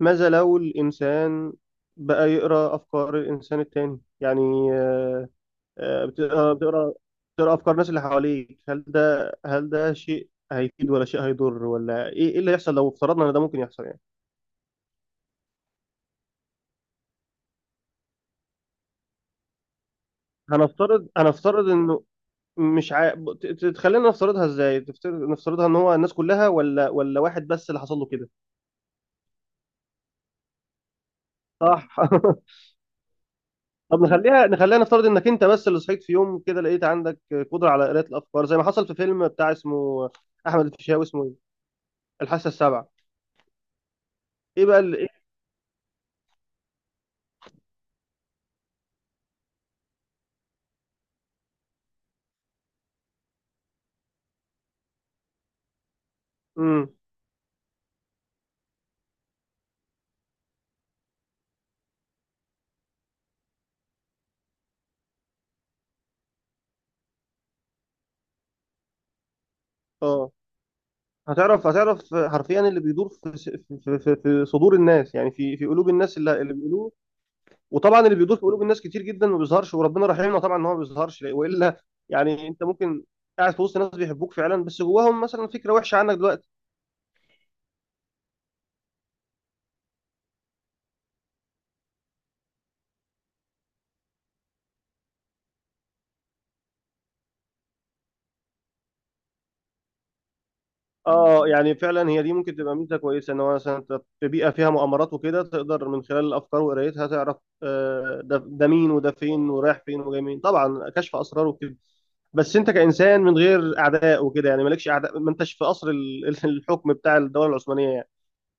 ماذا لو الإنسان بقى يقرأ أفكار الإنسان التاني؟ يعني آه، بتقرأ بتقرأ بتقرأ أفكار الناس اللي حواليك، هل ده شيء هيفيد ولا شيء هيضر، ولا إيه اللي هيحصل لو افترضنا إن ده ممكن يحصل؟ يعني هنفترض إنه مش عا... تخلينا نفترضها، إزاي تفترض نفترضها؟ إن هو الناس كلها ولا واحد بس اللي حصل له كده؟ صح. طب نخليها، نفترض انك انت بس اللي صحيت في يوم كده لقيت عندك قدره على قراءه الافكار زي ما حصل في فيلم بتاع، اسمه احمد الفيشاوي، اسمه ايه؟ الحاسه السابعه. ايه بقى اللي ايه؟ امم اه، هتعرف حرفيا اللي بيدور في صدور الناس، يعني في قلوب الناس، اللي بيقولوه. وطبعا اللي بيدور في قلوب الناس كتير جدا ما بيظهرش، وربنا رحيمنا طبعا ان هو ما بيظهرش، والا يعني انت ممكن قاعد في وسط ناس بيحبوك فعلا، بس جواهم مثلا فكره وحشه عنك دلوقتي. اه، يعني فعلا هي دي ممكن تبقى ميزه كويسه، ان هو مثلا انت في بيئه فيها مؤامرات وكده تقدر من خلال الافكار وقرايتها تعرف ده مين وده فين ورايح فين وجاي مين، طبعا كشف اسرار وكده. بس انت كانسان من غير اعداء وكده، يعني مالكش اعداء، ما انتش في قصر الحكم بتاع الدوله العثمانيه يعني.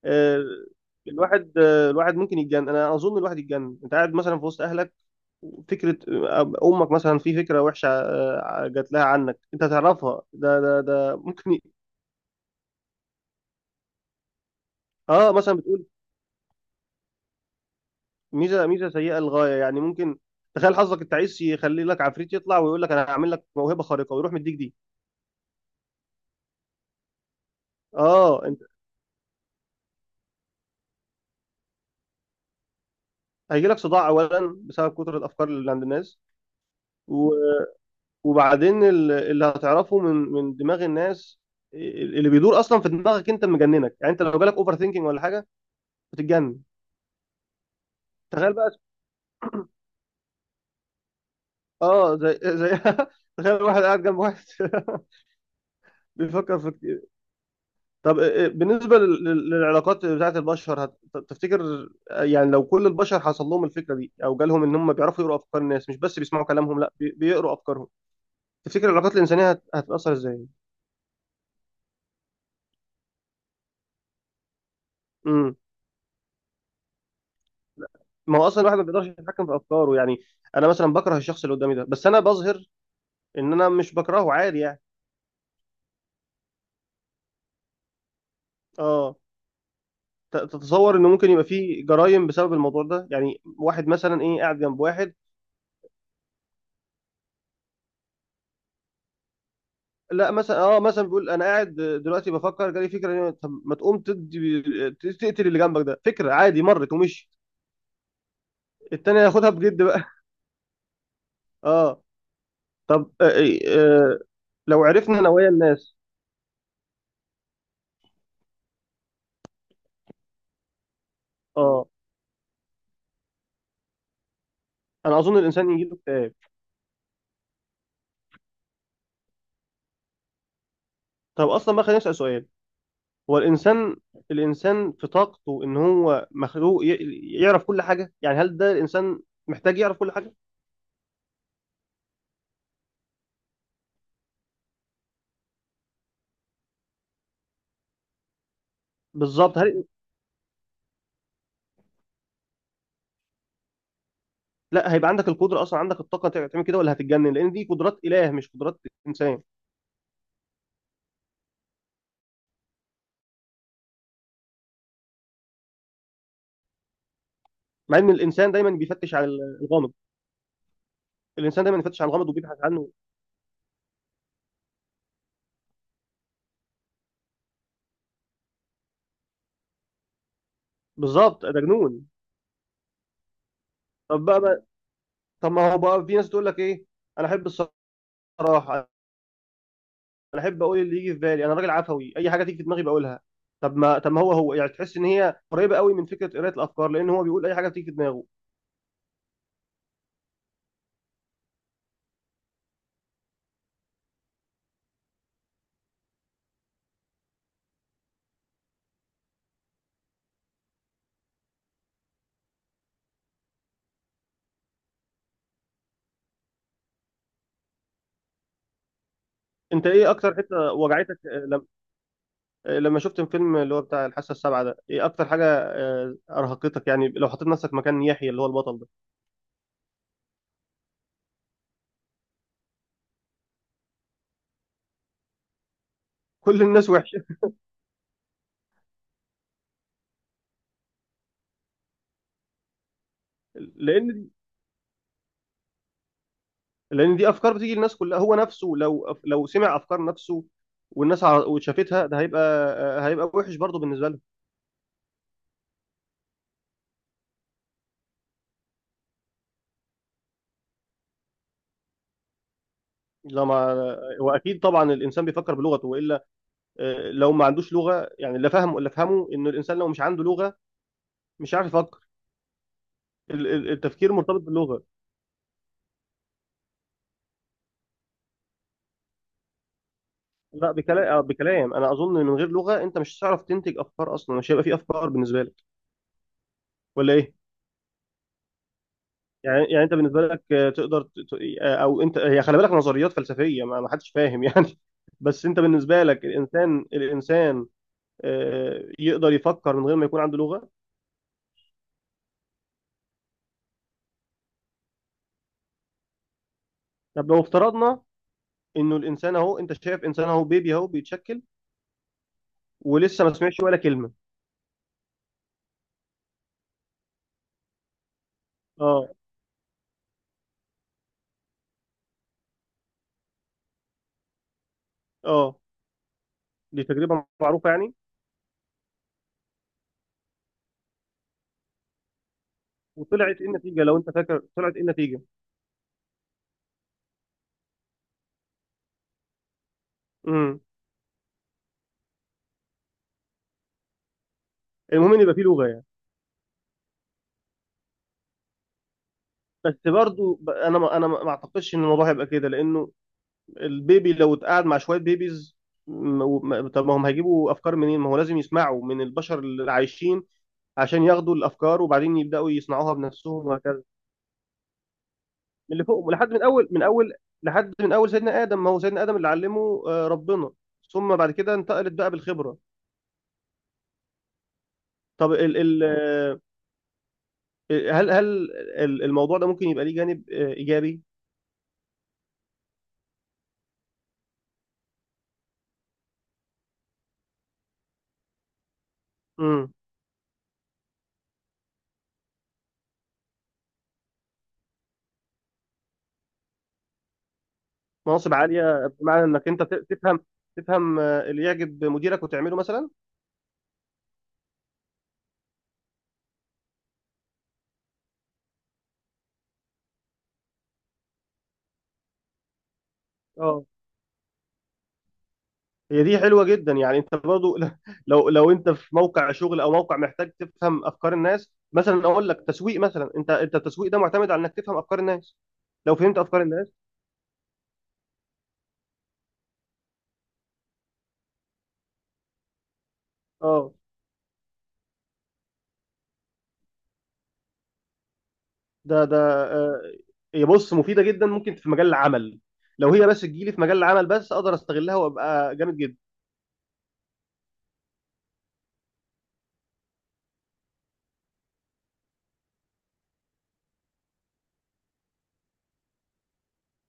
آه، الواحد الواحد ممكن يتجنن، انا اظن الواحد يتجنن. انت قاعد مثلا في وسط اهلك، فكره، امك مثلا في فكره وحشه جات لها عنك، انت تعرفها، ده ممكن اه مثلا ميزه سيئه للغايه، يعني ممكن تخيل حظك، انت عايز يخلي لك عفريت يطلع ويقول لك انا هعمل لك موهبه خارقه ويروح مديك دي. اه انت هيجي لك صداع اولا بسبب كتر الافكار اللي عند الناس، و- وبعدين اللي هتعرفه من دماغ الناس، اللي بيدور اصلا في دماغك انت مجننك، يعني انت لو جالك اوفر ثينكينج ولا حاجه بتتجنن. تخيل بقى، اه زي تخيل واحد قاعد جنب واحد بيفكر في. طب بالنسبة للعلاقات بتاعت البشر، تفتكر يعني لو كل البشر حصل لهم الفكرة دي أو جالهم إن هم بيعرفوا يقروا أفكار الناس، مش بس بيسمعوا كلامهم، لا بيقروا أفكارهم، تفتكر العلاقات الإنسانية هتتأثر إزاي؟ امم ما هو أصلا الواحد ما بيقدرش يتحكم في أفكاره، يعني أنا مثلا بكره الشخص اللي قدامي ده، بس أنا بظهر إن أنا مش بكرهه عادي يعني. أه، تتصور إنه ممكن يبقى فيه جرائم بسبب الموضوع ده؟ يعني واحد مثلا إيه قاعد جنب واحد، لا مثلا اه مثلا بيقول انا قاعد دلوقتي بفكر، جالي فكره طب ما تقوم تدي، تقتل اللي جنبك ده، فكره عادي مرت ومشي. التاني هياخدها بجد بقى. اه طب لو عرفنا نوايا الناس. اه انا اظن الانسان يجيله اكتئاب. طب اصلا بقى خلينا نسال سؤال، هو الانسان، الانسان في طاقته ان هو مخلوق يعرف كل حاجه؟ يعني هل ده الانسان محتاج يعرف كل حاجه؟ بالظبط، هل لا هيبقى عندك القدره اصلا، عندك الطاقه تعمل كده ولا هتتجنن؟ لان دي قدرات اله مش قدرات انسان. مع ان الانسان دايما بيفتش على الغامض، الانسان دايما بيفتش على الغامض وبيبحث عنه. بالظبط، ده جنون. بقى، طب ما هو بقى في ناس تقول لك ايه، انا احب الصراحه، انا احب اقول اللي يجي في بالي، انا راجل عفوي، اي حاجه تيجي في دماغي بقولها. طب ما هو هو يعني تحس ان هي قريبه قوي من فكره قرايه الافكار، لان هو بيقول اي حاجه بتيجي في دماغه. انت ايه اكتر حته وجعتك لما شفت الفيلم اللي هو بتاع الحاسه السابعه ده؟ ايه اكتر حاجه ارهقتك، يعني لو حطيت نفسك مكان يحيى اللي هو البطل ده؟ كل الناس وحشه. لان دي افكار بتيجي للناس كلها، هو نفسه لو سمع افكار نفسه والناس، وشافتها، ده هيبقى وحش برضه بالنسبه لهم. لا ما واكيد طبعا الانسان بيفكر بلغته، والا لو ما عندوش لغه، يعني لا فهم ولا فهمه، ان الانسان لو مش عنده لغه مش عارف يفكر. التفكير مرتبط باللغه. لا، بكلام، بكلام، انا اظن إن من غير لغه انت مش هتعرف تنتج افكار اصلا، مش هيبقى في افكار بالنسبه لك. ولا ايه؟ يعني انت بالنسبه لك تقدر او انت هي خلي بالك، نظريات فلسفيه ما حدش فاهم يعني، بس انت بالنسبه لك الانسان، يقدر يفكر من غير ما يكون عنده لغه؟ طب لو افترضنا انه الانسان اهو، انت شايف انسان اهو بيبي اهو بيتشكل ولسه ما سمعش ولا كلمه. اه، اه دي تجربه معروفه يعني. وطلعت ايه النتيجه لو انت فاكر، طلعت ايه النتيجه؟ امم المهم ان يبقى فيه لغه يعني. بس برضو انا ما انا ما ما اعتقدش ان الموضوع هيبقى كده، لانه البيبي لو اتقعد مع شوية بيبيز، طب ما هم هيجيبوا أفكار منين؟ ما هو لازم يسمعوا من البشر اللي عايشين عشان ياخدوا الأفكار، وبعدين يبدأوا يصنعوها بنفسهم وهكذا، من اللي فوق، لحد من أول سيدنا آدم، ما هو سيدنا آدم اللي علمه ربنا، ثم بعد كده انتقلت بقى بالخبرة. طب ال ال آه، هل الموضوع ده ممكن يبقى ليه جانب إيجابي؟ امم. مناصب عالية بمعنى إنك أنت تفهم، تفهم اللي يعجب مديرك وتعمله مثلا؟ اه هي دي حلوه جدا يعني، انت برضو لو انت في موقع شغل او موقع محتاج تفهم افكار الناس، مثلا اقول لك تسويق مثلا، انت التسويق ده معتمد على انك تفهم افكار الناس، لو فهمت افكار الناس. اه ده آه، هي بص مفيده جدا، ممكن في مجال العمل، لو هي بس تجيلي في مجال العمل بس اقدر استغلها وابقى جامد جدا.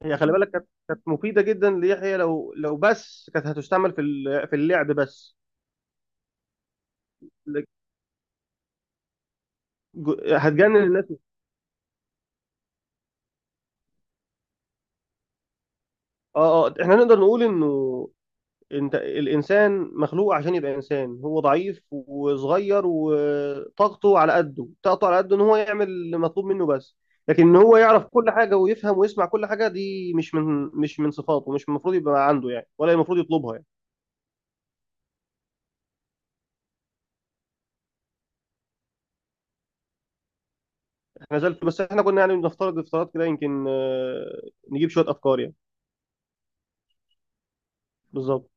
هي خلي بالك، كانت مفيده جدا ليحيى، لو بس كانت هتستعمل في في اللعب بس. لك- هتجنن الناس. اه اه احنا نقدر نقول انه، انت الانسان مخلوق عشان يبقى انسان، هو ضعيف وصغير وطاقته على قده، طاقته على قده ان هو يعمل اللي مطلوب منه بس، لكن ان هو يعرف كل حاجه ويفهم ويسمع كل حاجه، دي مش من صفاته، مش المفروض يبقى عنده يعني، ولا المفروض يطلبها يعني. احنا زلت، بس احنا كنا يعني بنفترض افتراضات كده، يمكن نجيب شويه افكار يعني. بالظبط.